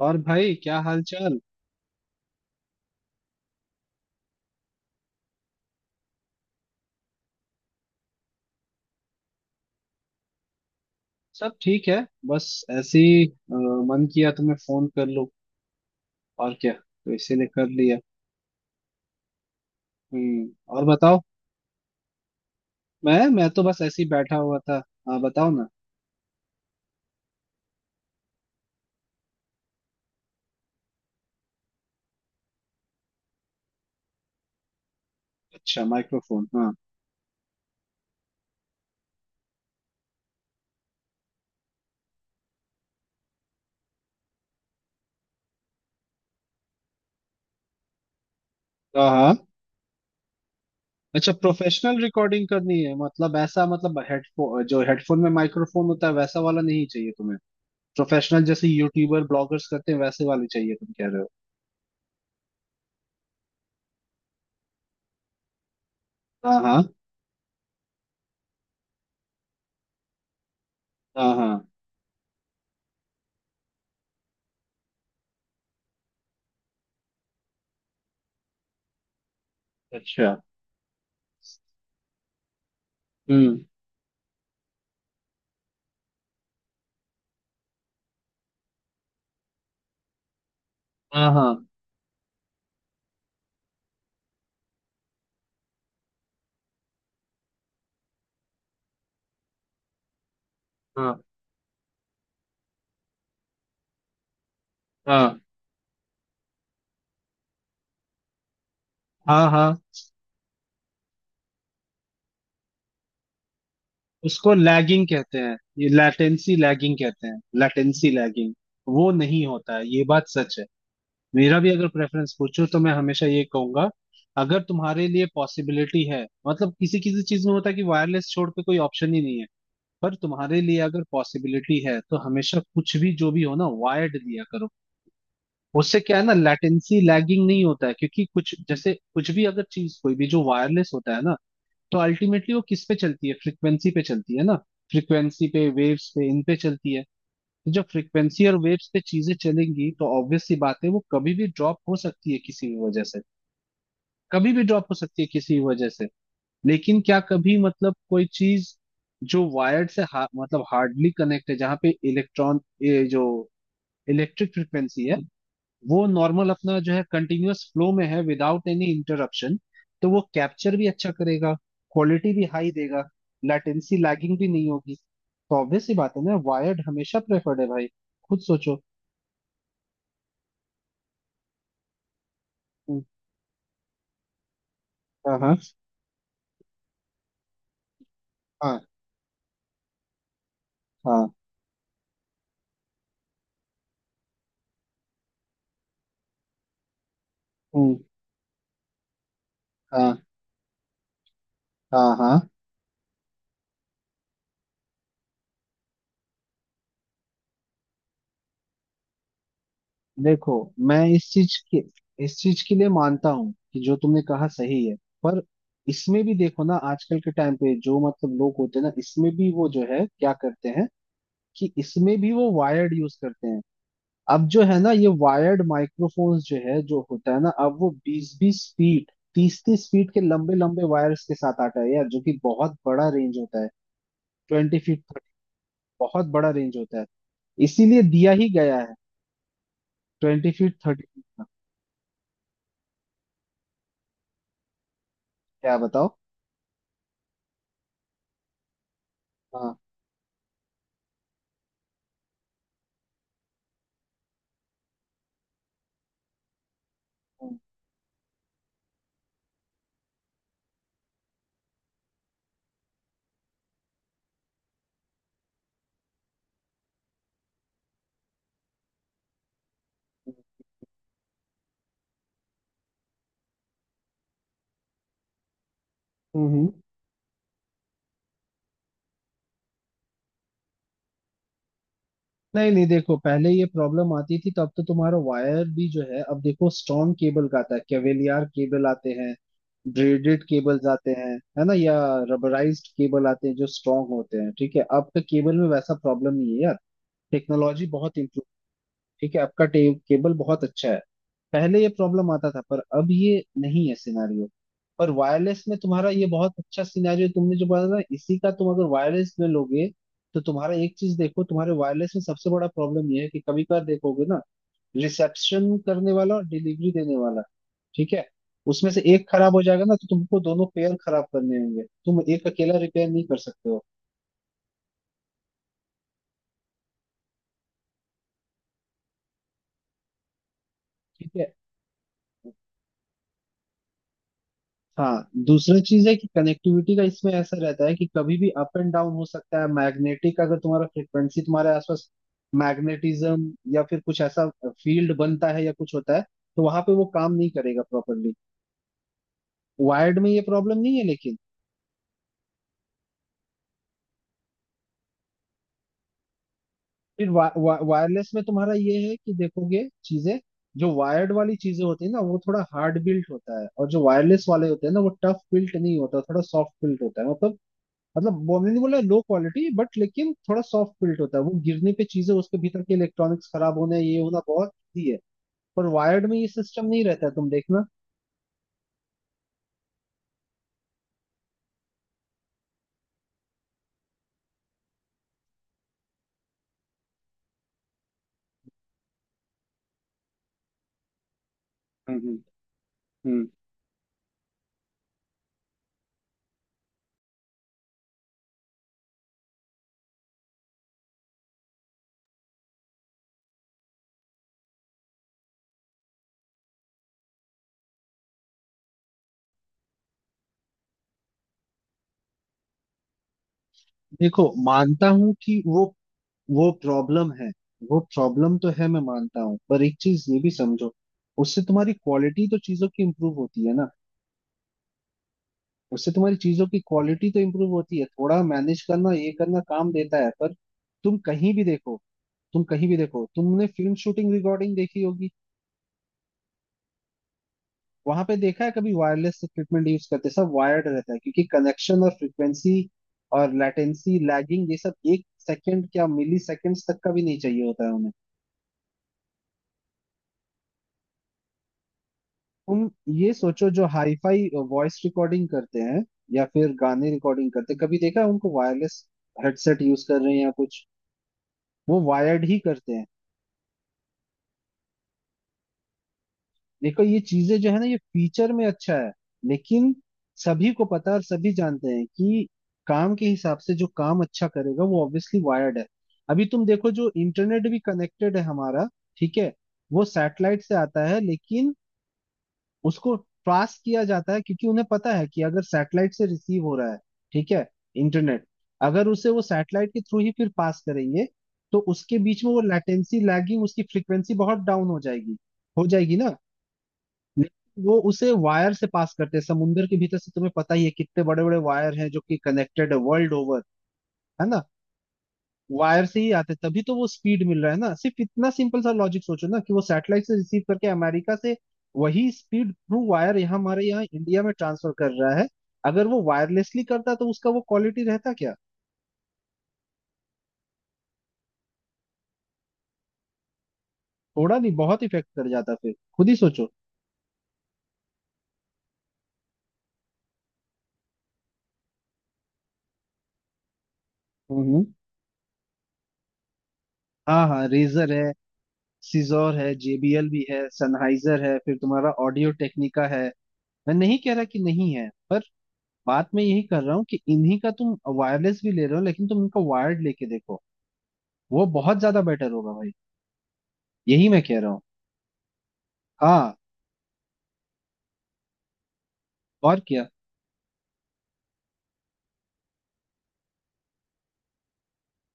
और भाई क्या हाल चाल। सब ठीक है। बस ऐसे ही मन किया तो मैं फोन कर लूं और क्या तो इसीलिए कर लिया। हम्म, और बताओ। मैं तो बस ऐसे ही बैठा हुआ था। हाँ बताओ ना। अच्छा माइक्रोफोन, हाँ हाँ हाँ। अच्छा, प्रोफेशनल रिकॉर्डिंग करनी है मतलब, ऐसा मतलब हेडफोन जो हेडफोन में माइक्रोफोन होता है वैसा वाला नहीं चाहिए तुम्हें, प्रोफेशनल जैसे यूट्यूबर ब्लॉगर्स करते हैं वैसे वाले चाहिए तुम कह रहे हो। हाँ हाँ हाँ हाँ। अच्छा। हम्म। हाँ हाँ हाँ हाँ हाँ हाँ। उसको लैगिंग कहते हैं, ये लैटेंसी लैगिंग कहते हैं, लैटेंसी लैगिंग। वो नहीं होता है, ये बात सच है। मेरा भी अगर प्रेफरेंस पूछो तो मैं हमेशा ये कहूंगा, अगर तुम्हारे लिए पॉसिबिलिटी है मतलब किसी किसी चीज में होता है कि वायरलेस छोड़ के कोई ऑप्शन ही नहीं है। पर तुम्हारे लिए अगर पॉसिबिलिटी है तो हमेशा, कुछ भी जो भी हो ना, वायर्ड लिया करो। उससे क्या है ना, लैटेंसी लैगिंग नहीं होता है, क्योंकि कुछ जैसे कुछ भी अगर चीज कोई भी जो वायरलेस होता है ना, तो अल्टीमेटली वो किस पे चलती है, फ्रिक्वेंसी पे चलती है ना। फ्रिक्वेंसी पे, वेव्स पे, इन पे चलती है। तो जब फ्रिक्वेंसी और वेव्स पे चीजें चलेंगी तो ऑब्वियस सी बात है वो कभी भी ड्रॉप हो सकती है किसी भी वजह से। कभी भी ड्रॉप हो सकती है किसी भी वजह से। लेकिन क्या कभी मतलब कोई चीज जो वायर्ड से मतलब हार्डली कनेक्ट है, जहाँ पे इलेक्ट्रॉन ये जो इलेक्ट्रिक फ्रिक्वेंसी है वो नॉर्मल अपना जो है कंटिन्यूअस फ्लो में है विदाउट एनी इंटरप्शन, तो वो कैप्चर भी अच्छा करेगा, क्वालिटी भी हाई देगा, लेटेंसी लैगिंग भी नहीं होगी। तो ऑब्वियस सी बात है ना, वायर्ड हमेशा प्रेफर्ड है भाई। खुद सोचो। हम्म, हाँ हाँ हाँ हाँ। हम्म, हाँ हाँ हाँ। देखो, मैं इस चीज के, इस चीज के लिए मानता हूँ कि जो तुमने कहा सही है, पर इसमें भी देखो ना, आजकल के टाइम पे जो मतलब लोग होते हैं ना, इसमें भी वो जो है क्या करते हैं कि इसमें भी वो वायर्ड यूज करते हैं। अब जो है ना ये वायर्ड माइक्रोफोन्स जो है जो होता है ना, अब वो 20 20 फीट, 30 30 फीट के लंबे लंबे वायर्स के साथ आता है यार, जो कि बहुत बड़ा रेंज होता है। Twenty feet, thirty. बहुत बड़ा रेंज होता है, इसीलिए दिया ही गया है 20 फीट 30 फीट का। क्या बताओ। हाँ। हम्म हम्म, हम्म। नहीं नहीं देखो, पहले ये प्रॉब्लम आती थी, तब तो तुम्हारा वायर भी जो है, अब देखो स्ट्रॉन्ग केबल का आता है, केवेलियर केबल आते हैं, ब्रेडेड केबल्स आते हैं, है ना, या रबराइज्ड केबल आते हैं जो स्ट्रॉन्ग होते हैं। ठीक है, अब के केबल में वैसा प्रॉब्लम नहीं है यार। टेक्नोलॉजी बहुत, ठीक है आपका केबल बहुत अच्छा है। पहले ये प्रॉब्लम आता था पर अब ये नहीं है सिनेरियो। पर वायरलेस में तुम्हारा ये, बहुत अच्छा सिनेरियो तुमने जो बोला ना, इसी का, तुम अगर वायरलेस में लोगे तो तुम्हारा एक चीज देखो, तुम्हारे वायरलेस में सबसे बड़ा प्रॉब्लम ये है कि कभी कभार देखोगे ना, रिसेप्शन करने वाला और डिलीवरी देने वाला, ठीक है, उसमें से एक खराब हो जाएगा ना, तो तुमको दोनों पेयर खराब करने होंगे, तुम एक अकेला रिपेयर नहीं कर सकते हो। ठीक है। हाँ, दूसरी चीज है कि कनेक्टिविटी का, इसमें ऐसा रहता है कि कभी भी अप एंड डाउन हो सकता है, मैग्नेटिक, अगर तुम्हारा फ्रिक्वेंसी तुम्हारे आसपास मैग्नेटिज्म या फिर कुछ ऐसा फील्ड बनता है या कुछ होता है, तो वहां पे वो काम नहीं करेगा प्रॉपरली। वायर्ड में ये प्रॉब्लम नहीं है, लेकिन फिर वा, वा, वायरलेस में तुम्हारा ये है कि देखोगे चीजें, जो वायर्ड वाली चीजें होती है ना वो थोड़ा हार्ड बिल्ट होता है, और जो वायरलेस वाले होते हैं ना वो टफ बिल्ट नहीं होता, थोड़ा सॉफ्ट बिल्ट होता है, मतलब, मतलब वो मैंने बोला लो क्वालिटी बट, लेकिन थोड़ा सॉफ्ट बिल्ट होता है, वो गिरने पे चीजें, उसके भीतर के इलेक्ट्रॉनिक्स खराब होना ये होना बहुत ही है। पर वायर्ड में ये सिस्टम नहीं रहता है, तुम देखना। हम्म, हम्म। देखो, मानता हूं कि वो प्रॉब्लम है, वो प्रॉब्लम तो है, मैं मानता हूँ, पर एक चीज ये भी समझो, उससे तुम्हारी क्वालिटी तो चीजों की इम्प्रूव होती है ना। उससे तुम्हारी चीजों की क्वालिटी तो इम्प्रूव होती है, थोड़ा मैनेज करना ये करना काम देता है, पर तुम कहीं भी देखो, तुम कहीं भी देखो, तुमने फिल्म शूटिंग रिकॉर्डिंग देखी होगी, वहां पे देखा है कभी वायरलेस इक्विपमेंट यूज करते, सब वायर्ड रहता है क्योंकि कनेक्शन और फ्रीक्वेंसी और लैटेंसी लैगिंग, ये सब एक सेकंड क्या मिली सेकंड्स तक का भी नहीं चाहिए होता है उन्हें। तुम ये सोचो, जो हाईफाई वॉइस रिकॉर्डिंग करते हैं या फिर गाने रिकॉर्डिंग करते हैं, कभी देखा है उनको वायरलेस हेडसेट यूज कर रहे हैं या कुछ, वो वायर्ड ही करते हैं। देखो, ये चीजें जो है ना, ये फीचर में अच्छा है, लेकिन सभी को पता है और सभी जानते हैं कि काम के हिसाब से जो काम अच्छा करेगा वो ऑब्वियसली वायर्ड है। अभी तुम देखो जो इंटरनेट भी कनेक्टेड है हमारा, ठीक है, वो सैटेलाइट से आता है, लेकिन उसको पास किया जाता है क्योंकि उन्हें पता है कि अगर सैटेलाइट से रिसीव हो रहा है, ठीक है, इंटरनेट, अगर उसे वो सैटेलाइट के थ्रू ही फिर पास करेंगे तो उसके बीच में वो लैटेंसी लैगिंग, उसकी फ्रीक्वेंसी बहुत डाउन हो जाएगी, हो जाएगी ना। लेकिन वो उसे वायर से पास करते हैं, समुंदर के भीतर से तुम्हें पता ही है कितने बड़े बड़े वायर हैं जो कि कनेक्टेड है वर्ल्ड ओवर, है ना। वायर से ही आते हैं, तभी तो वो स्पीड मिल रहा है ना। सिर्फ इतना सिंपल सा लॉजिक सोचो ना कि वो सैटेलाइट से रिसीव करके अमेरिका से वही स्पीड थ्रू वायर यहाँ हमारे यहाँ इंडिया में ट्रांसफर कर रहा है। अगर वो वायरलेसली करता तो उसका वो क्वालिटी रहता क्या। थोड़ा नहीं, बहुत इफेक्ट कर जाता, फिर खुद ही सोचो। हम्म। हाँ हाँ रेजर है, सीजोर है, जेबीएल भी है, सनहाइजर है, फिर तुम्हारा ऑडियो टेक्निका है। मैं नहीं कह रहा कि नहीं है, पर बात मैं यही कर रहा हूँ कि इन्हीं का तुम वायरलेस भी ले रहे हो, लेकिन तुम इनका वायर्ड लेके देखो, वो बहुत ज्यादा बेटर होगा भाई। यही मैं कह रहा हूँ। हाँ और क्या।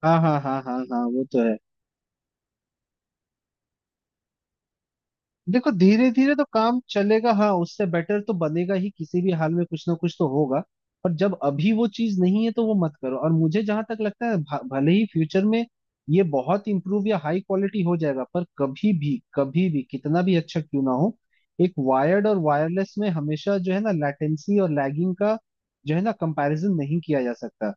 हाँ हाँ हाँ हाँ हाँ, वो तो है। देखो, धीरे धीरे तो काम चलेगा, हाँ उससे बेटर तो बनेगा ही, किसी भी हाल में कुछ ना कुछ तो होगा। पर जब अभी वो चीज नहीं है तो वो मत करो, और मुझे जहां तक लगता है भले ही फ्यूचर में ये बहुत इंप्रूव या हाई क्वालिटी हो जाएगा, पर कभी भी, कभी भी, कितना भी अच्छा क्यों ना हो, एक वायर्ड और वायरलेस में हमेशा जो है ना लेटेंसी और लैगिंग का जो है ना, कंपैरिजन नहीं किया जा सकता,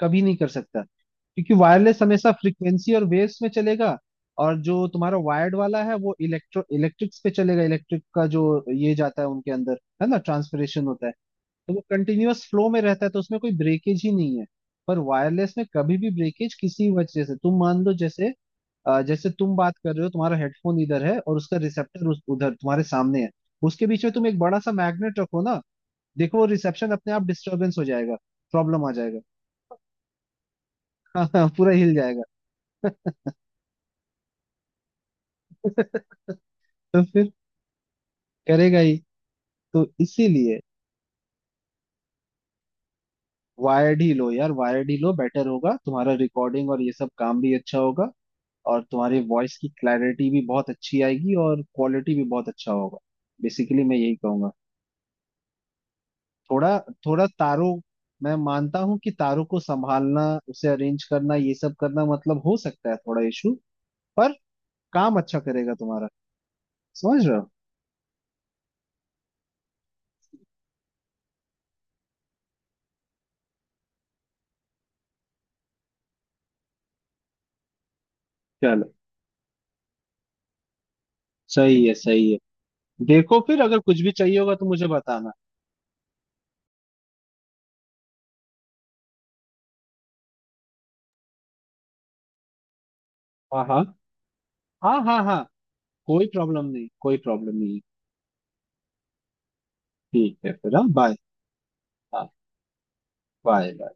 कभी नहीं कर सकता, क्योंकि वायरलेस हमेशा फ्रीक्वेंसी और वेव्स में चलेगा, और जो तुम्हारा वायर्ड वाला है वो इलेक्ट्रो, इलेक्ट्रिक्स पे चलेगा, इलेक्ट्रिक का जो ये जाता है उनके अंदर है ना, ट्रांसफरेशन होता है। तो वो कंटिन्यूअस फ्लो में रहता है तो उसमें कोई ब्रेकेज ही नहीं है। पर वायरलेस में कभी भी ब्रेकेज किसी वजह से, तुम मान लो जैसे, जैसे तुम बात कर रहे हो, तुम्हारा हेडफोन इधर है और उसका रिसेप्टर उधर तुम्हारे सामने है, उसके बीच में तुम एक बड़ा सा मैग्नेट रखो ना, देखो वो रिसेप्शन अपने आप डिस्टरबेंस हो जाएगा, प्रॉब्लम आ जाएगा। हाँ हाँ पूरा हिल जाएगा। तो फिर करेगा ही, तो इसीलिए वायर्ड ही लो यार, वायर्ड ही लो, बेटर होगा तुम्हारा रिकॉर्डिंग और ये सब काम भी अच्छा होगा, और तुम्हारी वॉइस की क्लैरिटी भी बहुत अच्छी आएगी और क्वालिटी भी बहुत अच्छा होगा। बेसिकली मैं यही कहूंगा। थोड़ा, थोड़ा तारों, मैं मानता हूँ कि तारों को संभालना, उसे अरेंज करना ये सब करना मतलब हो सकता है थोड़ा इशू, पर काम अच्छा करेगा तुम्हारा, समझ रहे हो। चलो, सही है, सही है। देखो फिर अगर कुछ भी चाहिए होगा तो मुझे बताना। हाँ हाँ हाँ हाँ हाँ, कोई प्रॉब्लम नहीं, कोई प्रॉब्लम नहीं। ठीक है फिर, हाँ बाय। हाँ बाय।